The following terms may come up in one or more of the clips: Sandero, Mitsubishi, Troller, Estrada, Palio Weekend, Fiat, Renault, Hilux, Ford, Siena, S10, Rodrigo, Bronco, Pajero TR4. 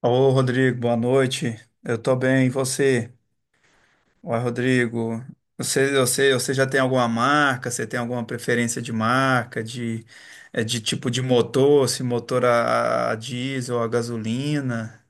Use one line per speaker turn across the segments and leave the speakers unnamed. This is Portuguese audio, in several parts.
Ô, Rodrigo, boa noite. Eu tô bem, e você? Oi, Rodrigo. Você já tem alguma marca? Você tem alguma preferência de marca, de, de tipo de motor, se motor a diesel, a gasolina?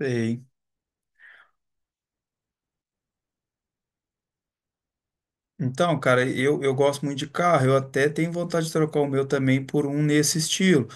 Sei. Então, cara, eu gosto muito de carro. Eu até tenho vontade de trocar o meu também por um nesse estilo.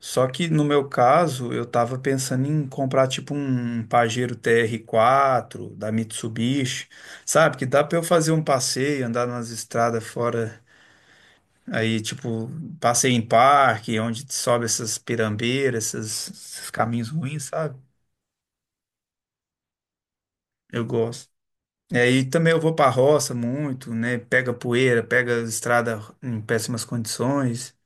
Só que no meu caso, eu tava pensando em comprar tipo um Pajero TR4 da Mitsubishi, sabe? Que dá pra eu fazer um passeio, andar nas estradas fora, aí tipo, passeio em parque, onde sobe essas pirambeiras, esses caminhos ruins, sabe? Eu gosto. E aí também eu vou pra roça muito, né? Pega poeira, pega estrada em péssimas condições.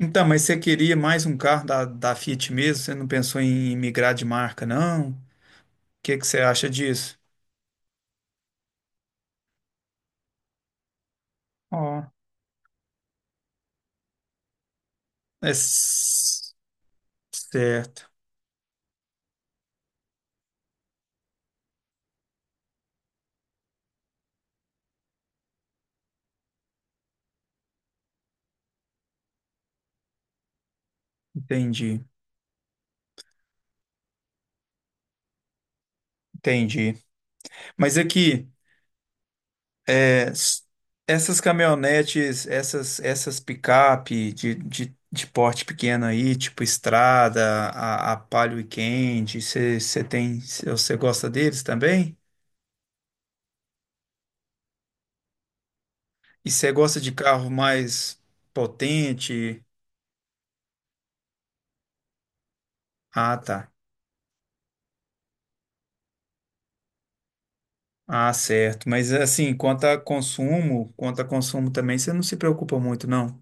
Então, mas você queria mais um carro da, da Fiat mesmo? Você não pensou em migrar de marca, não? Que você acha disso? Ó, É s- certo, entendi, entendi. Mas aqui, é, s- essas caminhonetes, essas picape de porte pequeno aí, tipo Estrada, a Palio Weekend, você tem, você gosta deles também? E você gosta de carro mais potente? Ah, tá. Ah, certo. Mas assim, quanto a consumo também, você não se preocupa muito, não?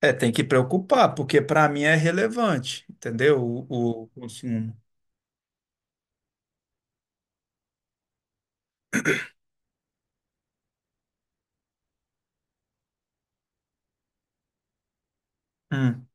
É, tem que preocupar, porque para mim é relevante, entendeu? O consumo. Hum.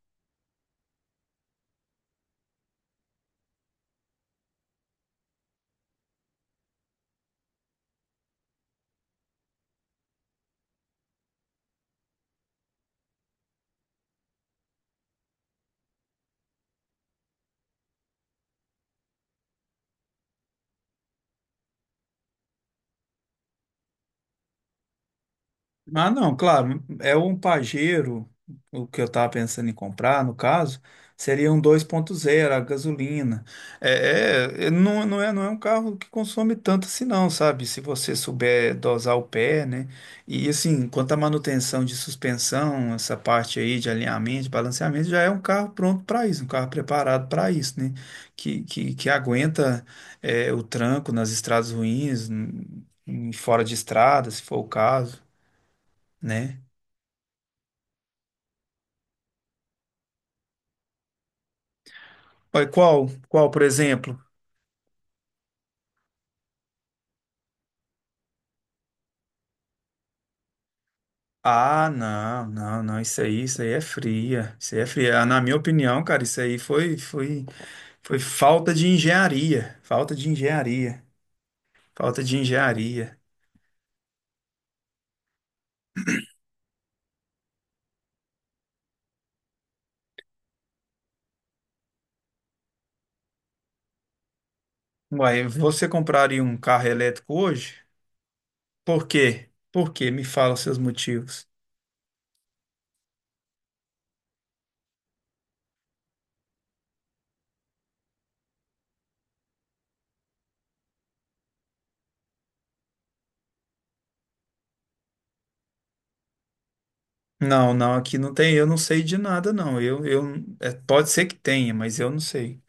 Ah, não, claro, é um Pajero, o que eu estava pensando em comprar, no caso, seria um 2.0, a gasolina. Não, não é, não é um carro que consome tanto assim não, sabe? Se você souber dosar o pé, né? E assim, quanto à manutenção de suspensão, essa parte aí de alinhamento, de balanceamento, já é um carro pronto para isso, um carro preparado para isso, né? Que aguenta é, o tranco nas estradas ruins, fora de estrada, se for o caso, né? Olha, qual, por exemplo? Ah, não, não, não, isso aí é fria, isso aí é fria. Ah, na minha opinião, cara, foi falta de engenharia, falta de engenharia. Uai, você compraria um carro elétrico hoje? Por quê? Por quê? Me fala os seus motivos. Não, não, aqui não tem, eu não sei de nada, não. É, pode ser que tenha, mas eu não sei.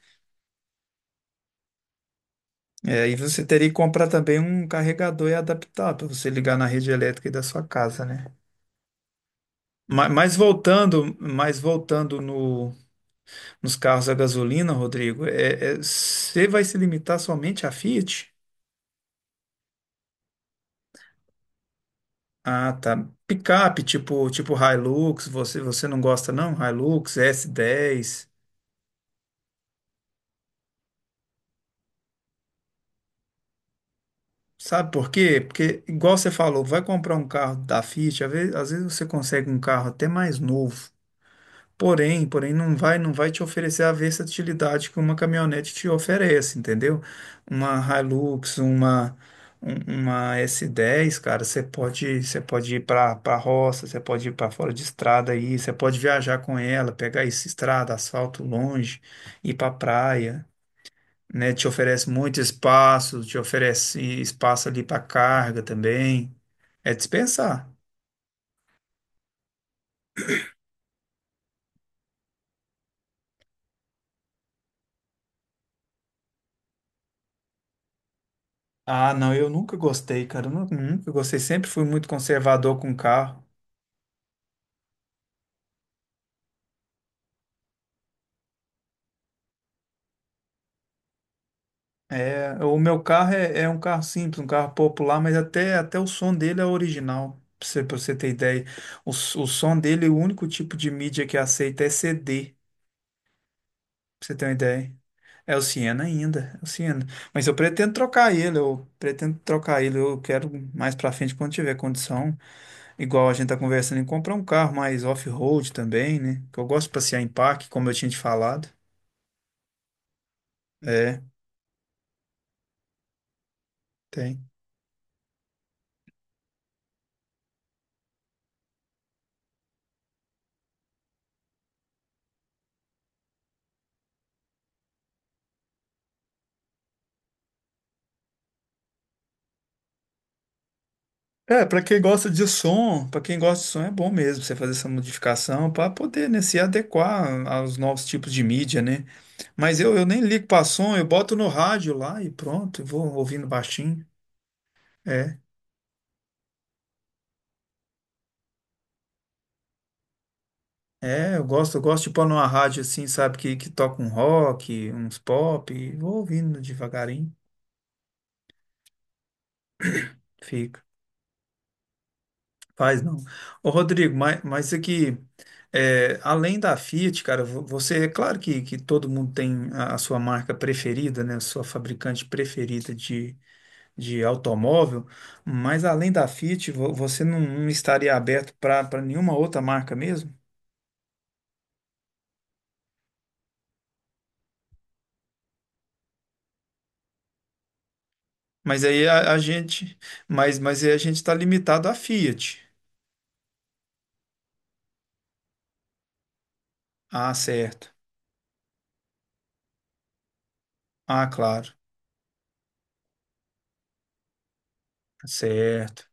É, e você teria que comprar também um carregador e adaptar para você ligar na rede elétrica aí da sua casa, né? Ma- mas voltando no, nos carros a gasolina, Rodrigo, você vai se limitar somente a Fiat? Ah, tá. Picape, tipo Hilux, você não gosta não? Hilux, S10. Sabe por quê? Porque, igual você falou, vai comprar um carro da Fiat, às vezes você consegue um carro até mais novo. Porém não vai, não vai te oferecer a versatilidade que uma caminhonete te oferece, entendeu? Uma Hilux, uma S10, cara, você pode ir para roça, você pode ir para fora de estrada aí, você pode viajar com ela, pegar essa estrada, asfalto longe, ir para praia, né? Te oferece muito espaço, te oferece espaço ali para carga também. É dispensar. Ah, não, eu nunca gostei, cara. Nunca gostei. Sempre fui muito conservador com carro. É, o meu carro é um carro simples, um carro popular, mas até o som dele é original, pra você ter ideia. O som dele, o único tipo de mídia que aceita é CD, pra você ter uma ideia. É o Siena ainda, é o Siena. Mas eu pretendo trocar ele, eu pretendo trocar ele. Eu quero mais pra frente, quando tiver condição, igual a gente tá conversando, em comprar um carro mais off-road também, né? Que eu gosto de passear em parque, como eu tinha te falado. É, tem. É, pra quem gosta de som, pra quem gosta de som é bom mesmo você fazer essa modificação pra poder, né, se adequar aos novos tipos de mídia, né? Mas eu nem ligo pra som, eu boto no rádio lá e pronto, eu vou ouvindo baixinho. É, eu gosto de pôr numa rádio assim, sabe, que toca um rock, uns pop, e vou ouvindo devagarinho, fica. Faz não. Ô, Rodrigo, mas isso aqui, é, além da Fiat, cara, você, é claro que todo mundo tem a sua marca preferida, né? A sua fabricante preferida de automóvel, mas além da Fiat, você não, não estaria aberto para nenhuma outra marca mesmo? Mas aí a, a gente, mas aí a gente está limitado à Fiat. Ah, certo. Ah, claro. Certo.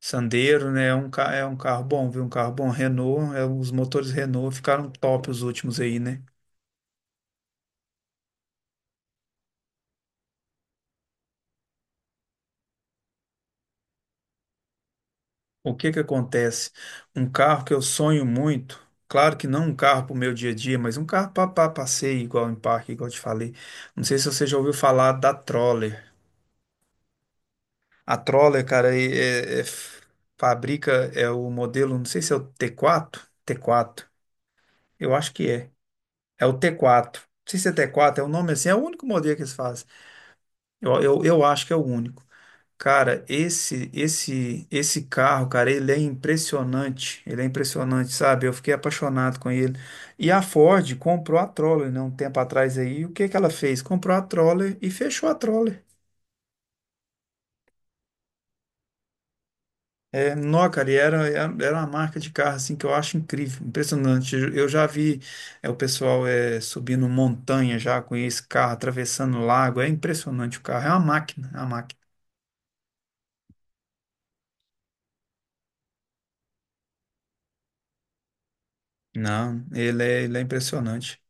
Sandero, né? É um, é um carro bom, viu? Um carro bom. Renault, é, os motores Renault ficaram top os últimos aí, né? O que que acontece? Um carro que eu sonho muito, claro que não um carro para o meu dia a dia, mas um carro para passeio, igual em parque, igual eu te falei. Não sei se você já ouviu falar da Troller. A Troller, cara, fabrica, é o modelo, não sei se é o T4, eu acho que é. É o T4. Não sei se é T4, é o nome assim, é o único modelo que eles fazem. Eu acho que é o único. Cara, esse carro, cara, ele é impressionante. Ele é impressionante, sabe? Eu fiquei apaixonado com ele. E a Ford comprou a Troller, né, um tempo atrás aí. E o que que ela fez? Comprou a Troller e fechou a Troller. É, nó, cara, e era uma marca de carro assim que eu acho incrível, impressionante. Eu já vi o pessoal é, subindo montanha já com esse carro, atravessando lago. É impressionante o carro, é uma máquina, é uma máquina. Não, ele é impressionante.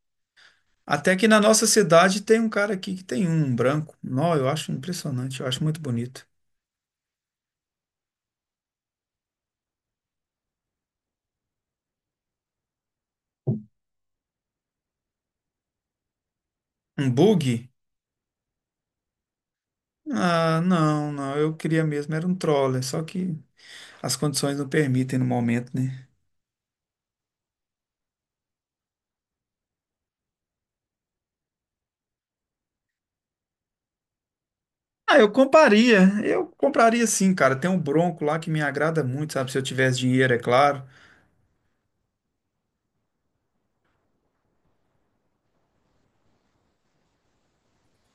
Até que na nossa cidade tem um cara aqui que tem um branco. Não, eu acho impressionante, eu acho muito bonito. Um bug? Ah, não, não, eu queria mesmo, era um troller, só que as condições não permitem no momento, né? Ah, eu compraria sim, cara. Tem um Bronco lá que me agrada muito, sabe? Se eu tivesse dinheiro, é claro.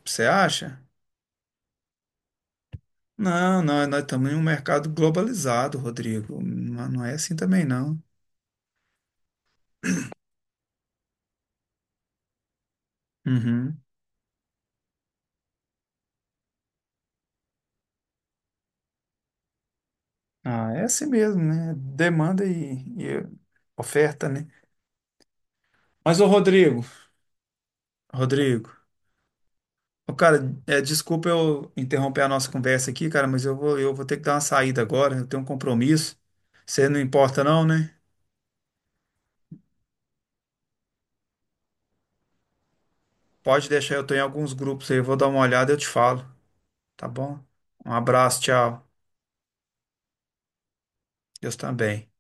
Você acha? Não, não, nós estamos em um mercado globalizado, Rodrigo. Não é assim também, não. Uhum. Ah, é assim mesmo, né? Demanda e oferta, né? Mas, ô Rodrigo, Rodrigo, ô, cara, é, desculpa eu interromper a nossa conversa aqui, cara, mas eu vou ter que dar uma saída agora, eu tenho um compromisso. Você não importa não, né? Pode deixar, eu tô em alguns grupos aí, eu vou dar uma olhada e eu te falo, tá bom? Um abraço, tchau. Deus também.